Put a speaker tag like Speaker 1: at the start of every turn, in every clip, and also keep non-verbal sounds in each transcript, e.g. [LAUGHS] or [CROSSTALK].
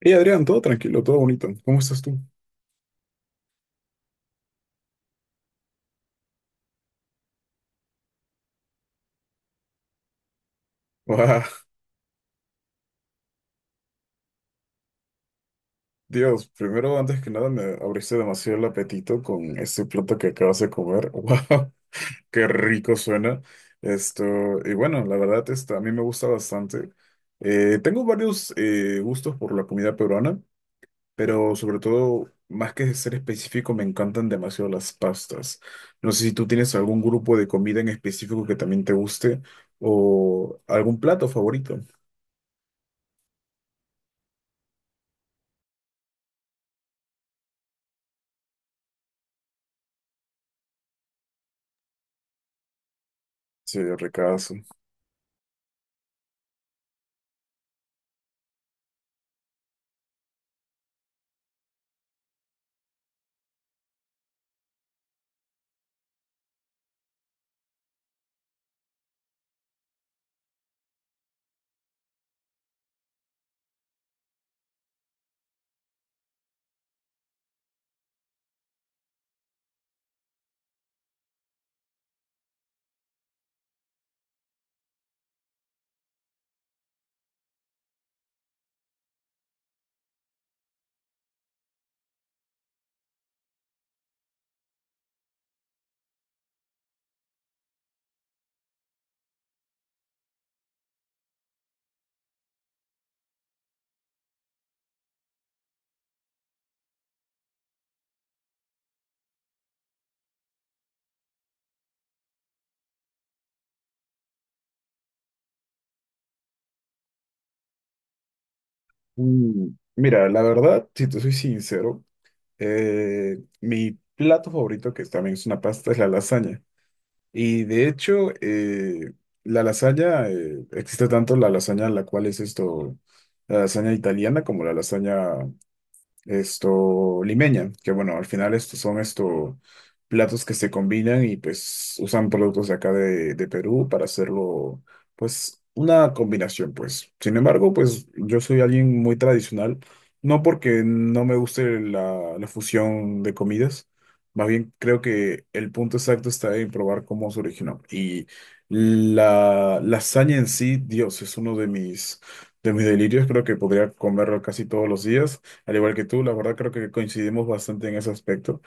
Speaker 1: Hey Adrián, todo tranquilo, todo bonito. ¿Cómo estás tú? Guau, Dios, primero, antes que nada, me abriste demasiado el apetito con ese plato que acabas de comer. [LAUGHS] ¡Wow! ¡Qué rico suena! Esto, y bueno, la verdad, a mí me gusta bastante. Tengo varios gustos por la comida peruana, pero sobre todo, más que ser específico, me encantan demasiado las pastas. No sé si tú tienes algún grupo de comida en específico que también te guste o algún plato favorito. Sí, ricazo. Mm, Mira, la verdad, si te soy sincero, mi plato favorito, que también es una pasta, es la lasaña. Y de hecho, la lasaña, existe tanto la lasaña, la cual es la lasaña italiana, como la lasaña limeña, que bueno, al final estos son estos platos que se combinan y pues usan productos de acá de Perú para hacerlo, pues una combinación, pues. Sin embargo, pues yo soy alguien muy tradicional, no porque no me guste la fusión de comidas, más bien creo que el punto exacto está en probar cómo se originó. Y la lasaña en sí, Dios, es de mis delirios, creo que podría comerlo casi todos los días. Al igual que tú, la verdad creo que coincidimos bastante en ese aspecto.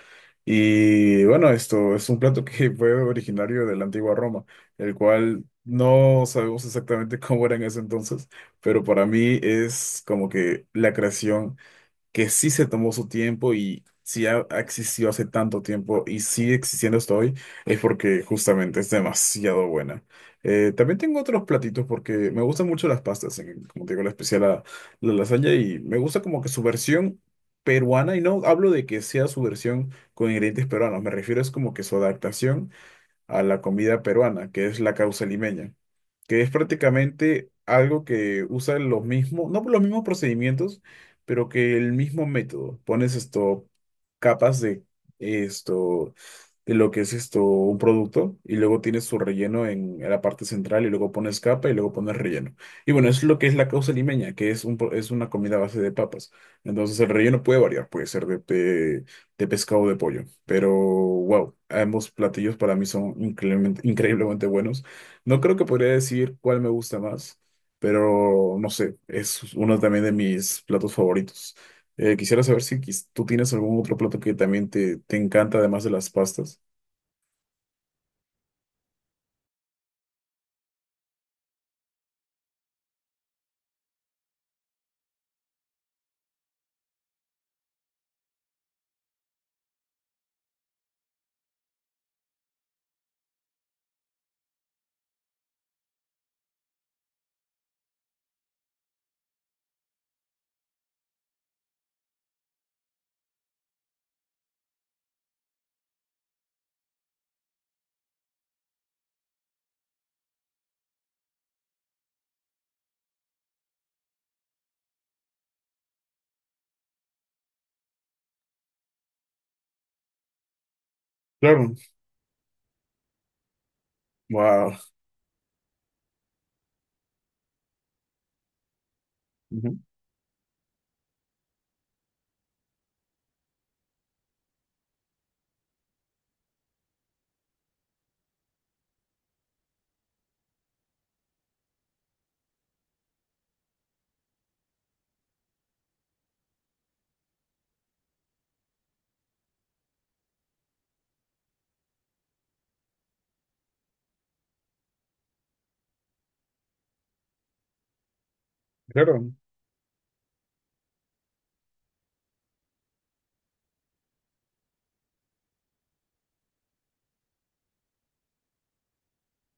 Speaker 1: Y bueno, esto es un plato que [LAUGHS] fue originario de la antigua Roma, el cual no sabemos exactamente [LAUGHS] cómo era en ese entonces, pero para mí es como que la creación que sí se tomó su tiempo y sí ha existido hace tanto tiempo y sigue existiendo hasta hoy, es porque justamente es demasiado buena. También tengo otros platitos porque me gustan mucho las pastas, como te digo, la especial la lasaña, y me gusta como que su versión peruana, y no hablo de que sea su versión con ingredientes peruanos, me refiero es como que su adaptación a la comida peruana, que es la causa limeña, que es prácticamente algo que usa los mismos, no por los mismos procedimientos, pero que el mismo método. Pones capas esto, de lo que es un producto, y luego tienes su relleno en la parte central, y luego pones capa y luego pones relleno. Y bueno, es lo que es la causa limeña, que es, es una comida a base de papas. Entonces el relleno puede variar, puede ser de pescado o de pollo, pero wow, ambos platillos para mí son increíblemente increíblemente buenos. No creo que podría decir cuál me gusta más, pero no sé, es uno también de mis platos favoritos. Quisiera saber si quis- tú tienes algún otro plato que también te encanta, además de las pastas. Claro, wow. Ujú. Claro.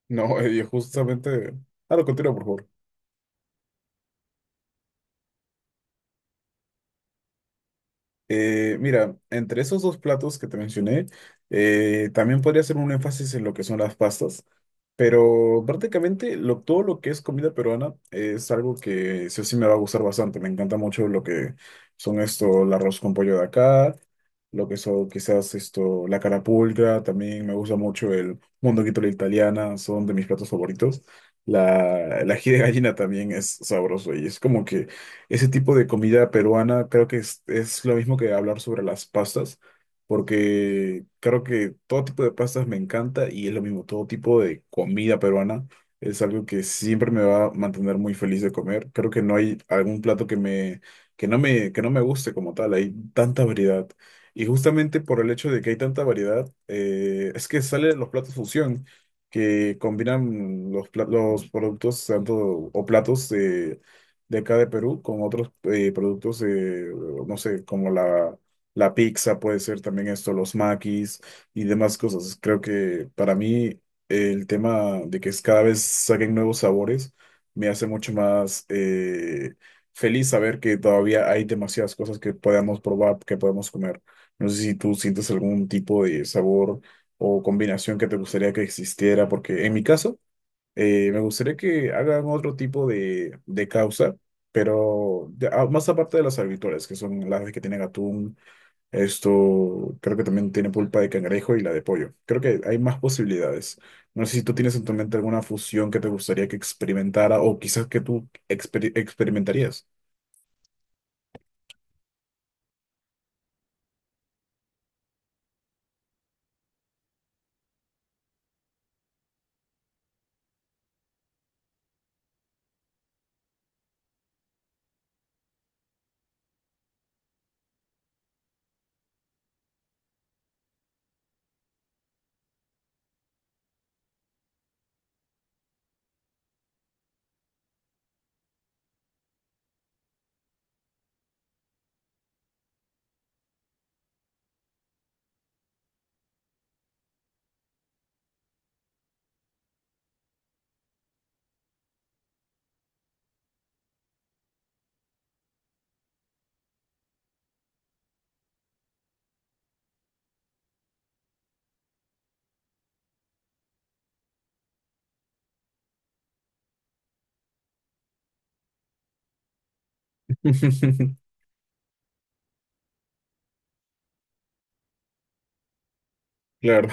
Speaker 1: No, [LAUGHS] Ah, lo continúo, por favor. Mira, entre esos dos platos que te mencioné, también podría hacer un énfasis en lo que son las pastas, pero prácticamente todo lo que es comida peruana es algo que sí o sí me va a gustar bastante. Me encanta mucho lo que son el arroz con pollo de acá, lo que son quizás la carapulcra. También me gusta mucho el mondonguito a la italiana, son de mis platos favoritos. El ají de gallina también es sabroso, y es como que ese tipo de comida peruana creo que es lo mismo que hablar sobre las pastas, porque creo que todo tipo de pastas me encanta, y es lo mismo, todo tipo de comida peruana es algo que siempre me va a mantener muy feliz de comer. Creo que no hay algún plato que me, que no me, que no me guste como tal, hay tanta variedad. Y justamente por el hecho de que hay tanta variedad, es que salen los platos fusión, que combinan los productos tanto, o platos de acá de Perú con otros productos, no sé, como la pizza, puede ser también los maquis y demás cosas. Creo que para mí el tema de que es cada vez saquen nuevos sabores me hace mucho más feliz saber que todavía hay demasiadas cosas que podamos probar, que podemos comer. No sé si tú sientes algún tipo de sabor o combinación que te gustaría que existiera, porque en mi caso, me gustaría que hagan otro tipo de causa, pero más aparte de las habituales, que son las que tienen atún, esto creo que también tiene pulpa de cangrejo y la de pollo. Creo que hay más posibilidades. No sé si tú tienes en tu mente alguna fusión que te gustaría que experimentara, o quizás que tú experimentarías. [LAUGHS] Claro,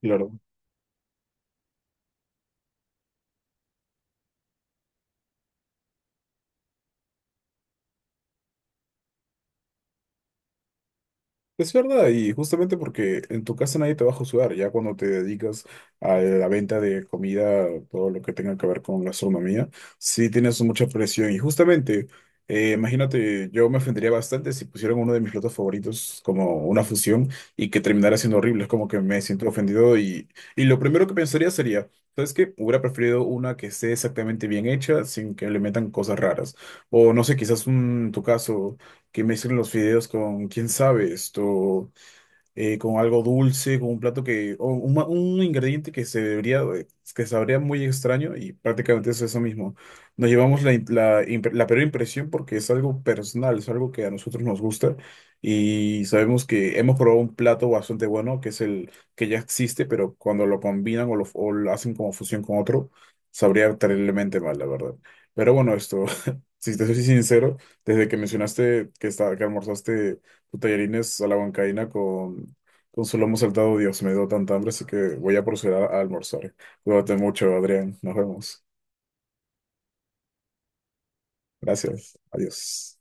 Speaker 1: claro. Es verdad, y justamente porque en tu casa nadie te va a juzgar, ya cuando te dedicas a la venta de comida, todo lo que tenga que ver con gastronomía, sí tienes mucha presión. Y justamente, imagínate, yo me ofendería bastante si pusieran uno de mis platos favoritos como una fusión y que terminara siendo horrible. Es como que me siento ofendido, y lo primero que pensaría sería, ¿sabes qué? Hubiera preferido una que esté exactamente bien hecha, sin que le metan cosas raras. O no sé, quizás en tu caso que mezclen los fideos con, quién sabe, con algo dulce, con un plato que, o un, ma- un ingrediente que se debería, que sabría muy extraño, y prácticamente es eso mismo. Nos llevamos la peor impresión porque es algo personal, es algo que a nosotros nos gusta y sabemos que hemos probado un plato bastante bueno, que es el que ya existe, pero cuando lo combinan o lo hacen como fusión con otro, sabría terriblemente mal, la verdad. Pero bueno, [LAUGHS] si te soy sincero, desde que mencionaste que almorzaste tallarines a la huancaína con, su lomo saltado. Dios, me dio tanta hambre, así que voy a proceder a almorzar. Cuídate mucho, Adrián. Nos vemos. Gracias. Adiós.